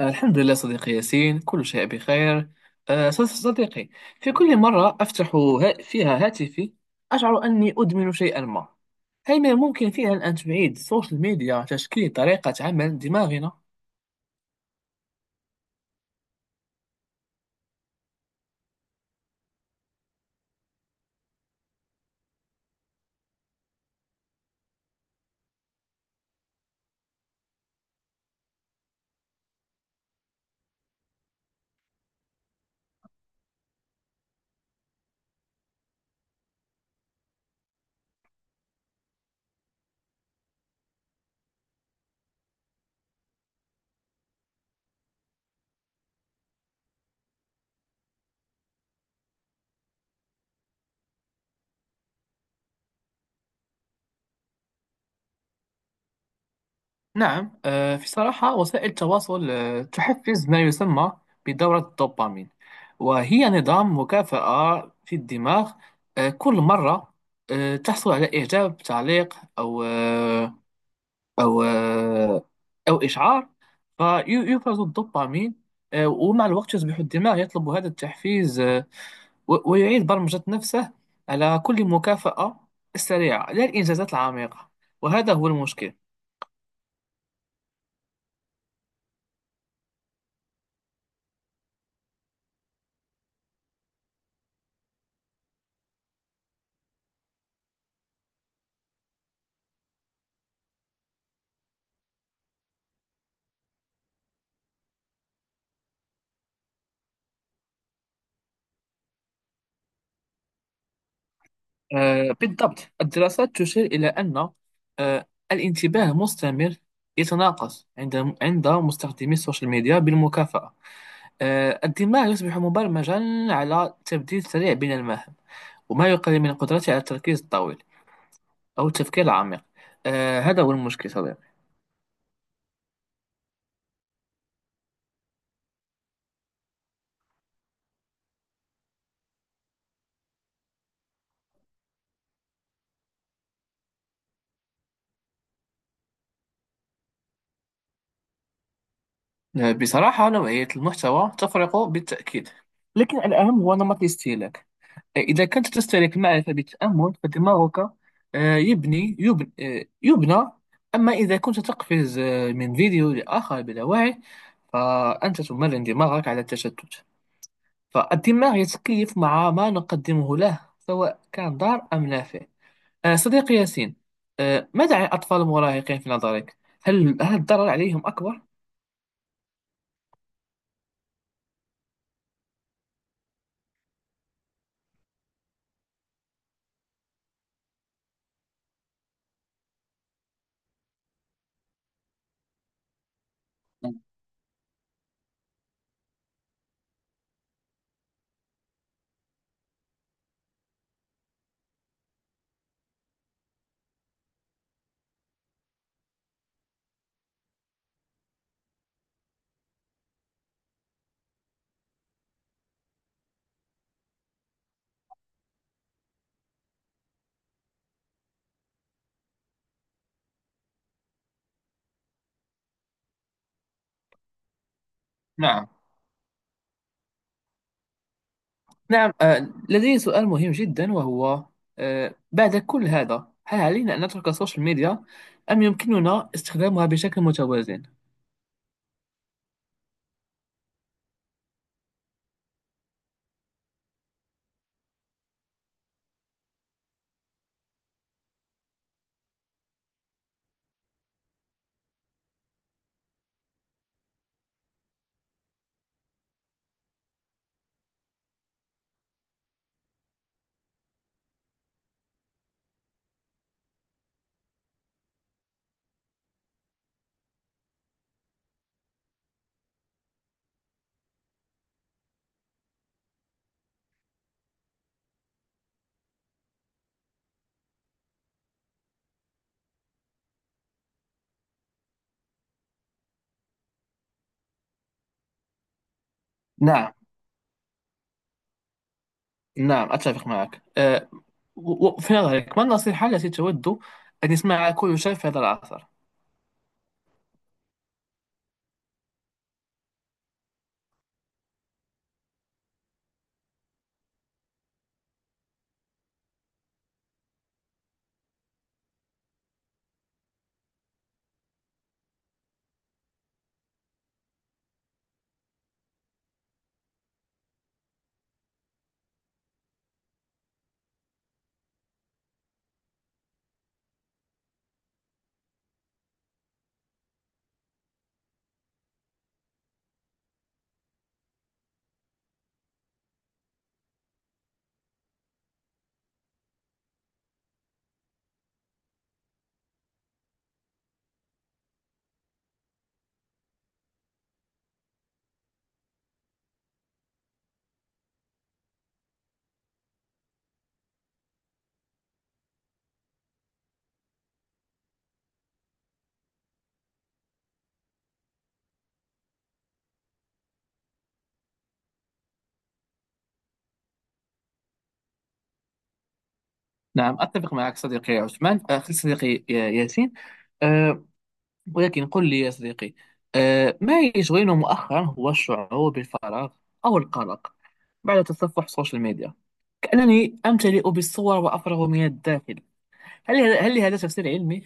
الحمد لله صديقي ياسين، كل شيء بخير. صديقي، في كل مرة أفتح فيها هاتفي أشعر أني أدمن شيئا ما. هل من الممكن فعلا أن تعيد السوشيال ميديا تشكيل طريقة عمل دماغنا؟ نعم. في صراحة، وسائل التواصل تحفز ما يسمى بدورة الدوبامين، وهي نظام مكافأة في الدماغ. كل مرة تحصل على إعجاب، تعليق، أو آه، او آه، او اشعار، فيفرز الدوبامين. ومع الوقت يصبح الدماغ يطلب هذا التحفيز، ويعيد برمجة نفسه على كل مكافأة سريعة، لا الإنجازات العميقة. وهذا هو المشكل. بالضبط، الدراسات تشير إلى أن آه، الانتباه المستمر يتناقص عند مستخدمي السوشيال ميديا بالمكافأة. الدماغ يصبح مبرمجا على تبديل سريع بين المهام، وما يقلل من قدرته على التركيز الطويل أو التفكير العميق. هذا هو المشكل صديقي. بصراحة، نوعية المحتوى تفرق بالتأكيد، لكن الأهم هو نمط الاستهلاك. إذا كنت تستهلك المعرفة بالتأمل فدماغك آه يبني يبنى, آه يبنى. أما إذا كنت تقفز من فيديو لآخر بلا وعي، فأنت تمرن دماغك على التشتت. فالدماغ يتكيف مع ما نقدمه له، سواء كان ضار أم نافع. صديقي ياسين، ماذا عن الأطفال المراهقين في نظرك؟ هل الضرر عليهم أكبر؟ نعم. نعم، لدي سؤال مهم جدا، وهو: بعد كل هذا، هل علينا أن نترك السوشيال ميديا أم يمكننا استخدامها بشكل متوازن؟ نعم. نعم، أتفق معك. في نظرك، ما النصيحة التي تود أن يسمعها كل شاب في هذا العصر؟ نعم، أتفق معك صديقي عثمان. صديقي ياسين، ولكن قل لي يا صديقي، ما يشغلنا مؤخرا هو الشعور بالفراغ أو القلق بعد تصفح السوشيال ميديا. كأنني أمتلئ بالصور وأفرغ من الداخل. هل لهذا تفسير علمي؟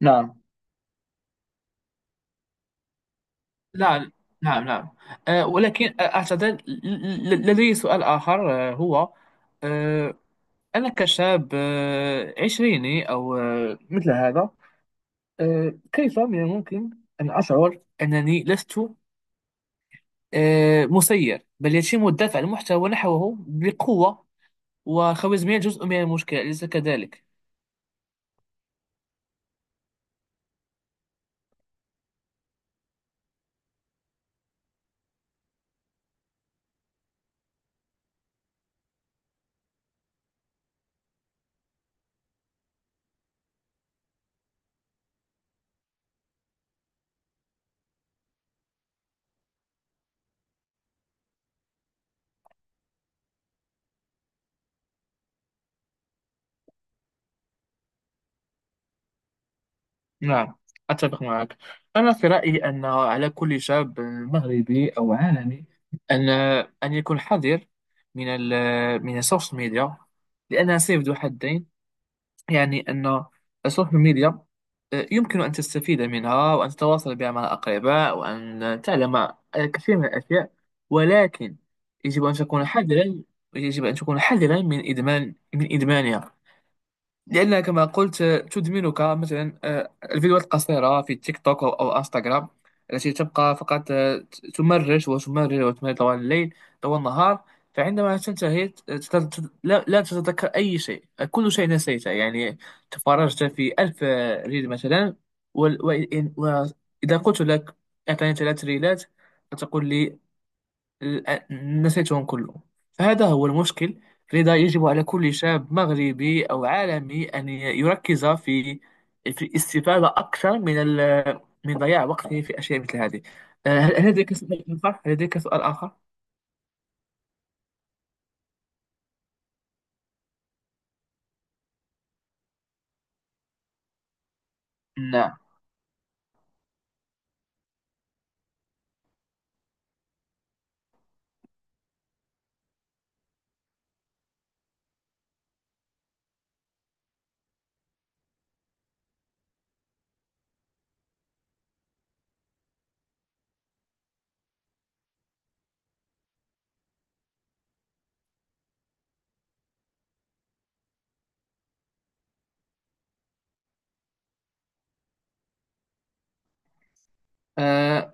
نعم. لا. نعم، نعم. ولكن أعتقد لدي سؤال آخر، هو: آه، أنا كشاب عشريني أو مثل هذا، كيف من الممكن أن أشعر أنني لست مسير، بل يتم الدفع المحتوى ونحوه بقوة، وخوارزمية جزء من المشكلة، أليس كذلك؟ نعم، أتفق معك. أنا في رأيي أن على كل شاب مغربي أو عالمي أن يكون حذر من ال من السوشيال ميديا، لأنها سيف ذو حدين. يعني أن السوشيال ميديا يمكن أن تستفيد منها، وأن تتواصل بها مع الأقرباء، وأن تعلم الكثير من الأشياء. ولكن يجب أن تكون حذرا. يجب أن تكون حذرا من إدمان، إدمانها. لأن كما قلت، تدمنك مثلا الفيديوهات القصيرة في تيك توك أو انستغرام، التي تبقى فقط تمرر وتمرر وتمرر طوال الليل، طوال النهار. فعندما تنتهي، لا تتذكر أي شيء، كل شيء نسيته. يعني تفرجت في ألف ريل مثلا، وال- وإن- وإذا قلت لك أعطيني 3 ريلات، فتقول لي: الآن نسيتهم كلهم. فهذا هو المشكل. لذا يجب على كل شاب مغربي أو عالمي أن يركز في الاستفادة أكثر من من ضياع وقته في أشياء مثل هذه. هل لديك سؤال آخر؟ هل لديك سؤال آخر؟ نعم. آه،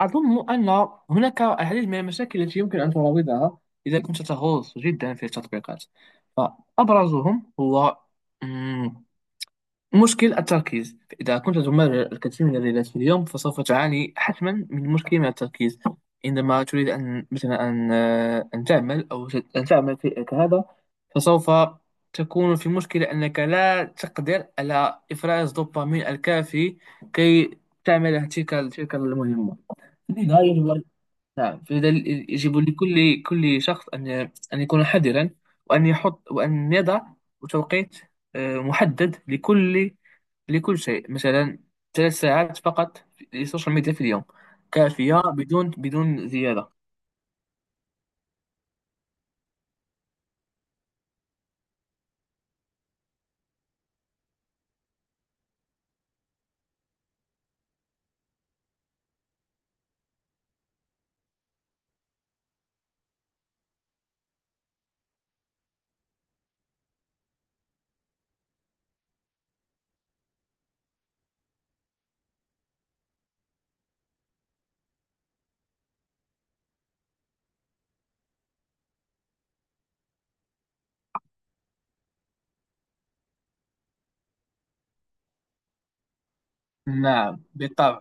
أظن أن هناك العديد من المشاكل التي يمكن أن تراودها إذا كنت تغوص جدا في التطبيقات. فأبرزهم هو مشكل التركيز. إذا كنت تمارس الكثير من الرياضات في اليوم فسوف تعاني حتما من مشكل، التركيز عندما تريد أن مثلا أن أن تعمل، أن تعمل شيء كهذا. فسوف تكون في مشكلة، أنك لا تقدر على إفراز الدوبامين الكافي كي تعمل تلك المهمة. لذا يجب. نعم، فلذا يجب لكل شخص أن يكون حذرا، وأن يحط، وأن يضع توقيت محدد لكل شيء. مثلا 3 ساعات فقط للسوشيال ميديا في اليوم كافية، بدون زيادة. نعم بالطبع.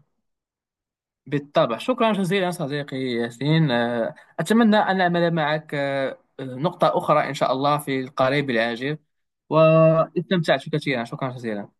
بالطبع، شكرا جزيلا صديقي ياسين. أتمنى أن أعمل معك نقطة أخرى إن شاء الله في القريب العاجل. واستمتعت كثيرا، شكرا جزيلا.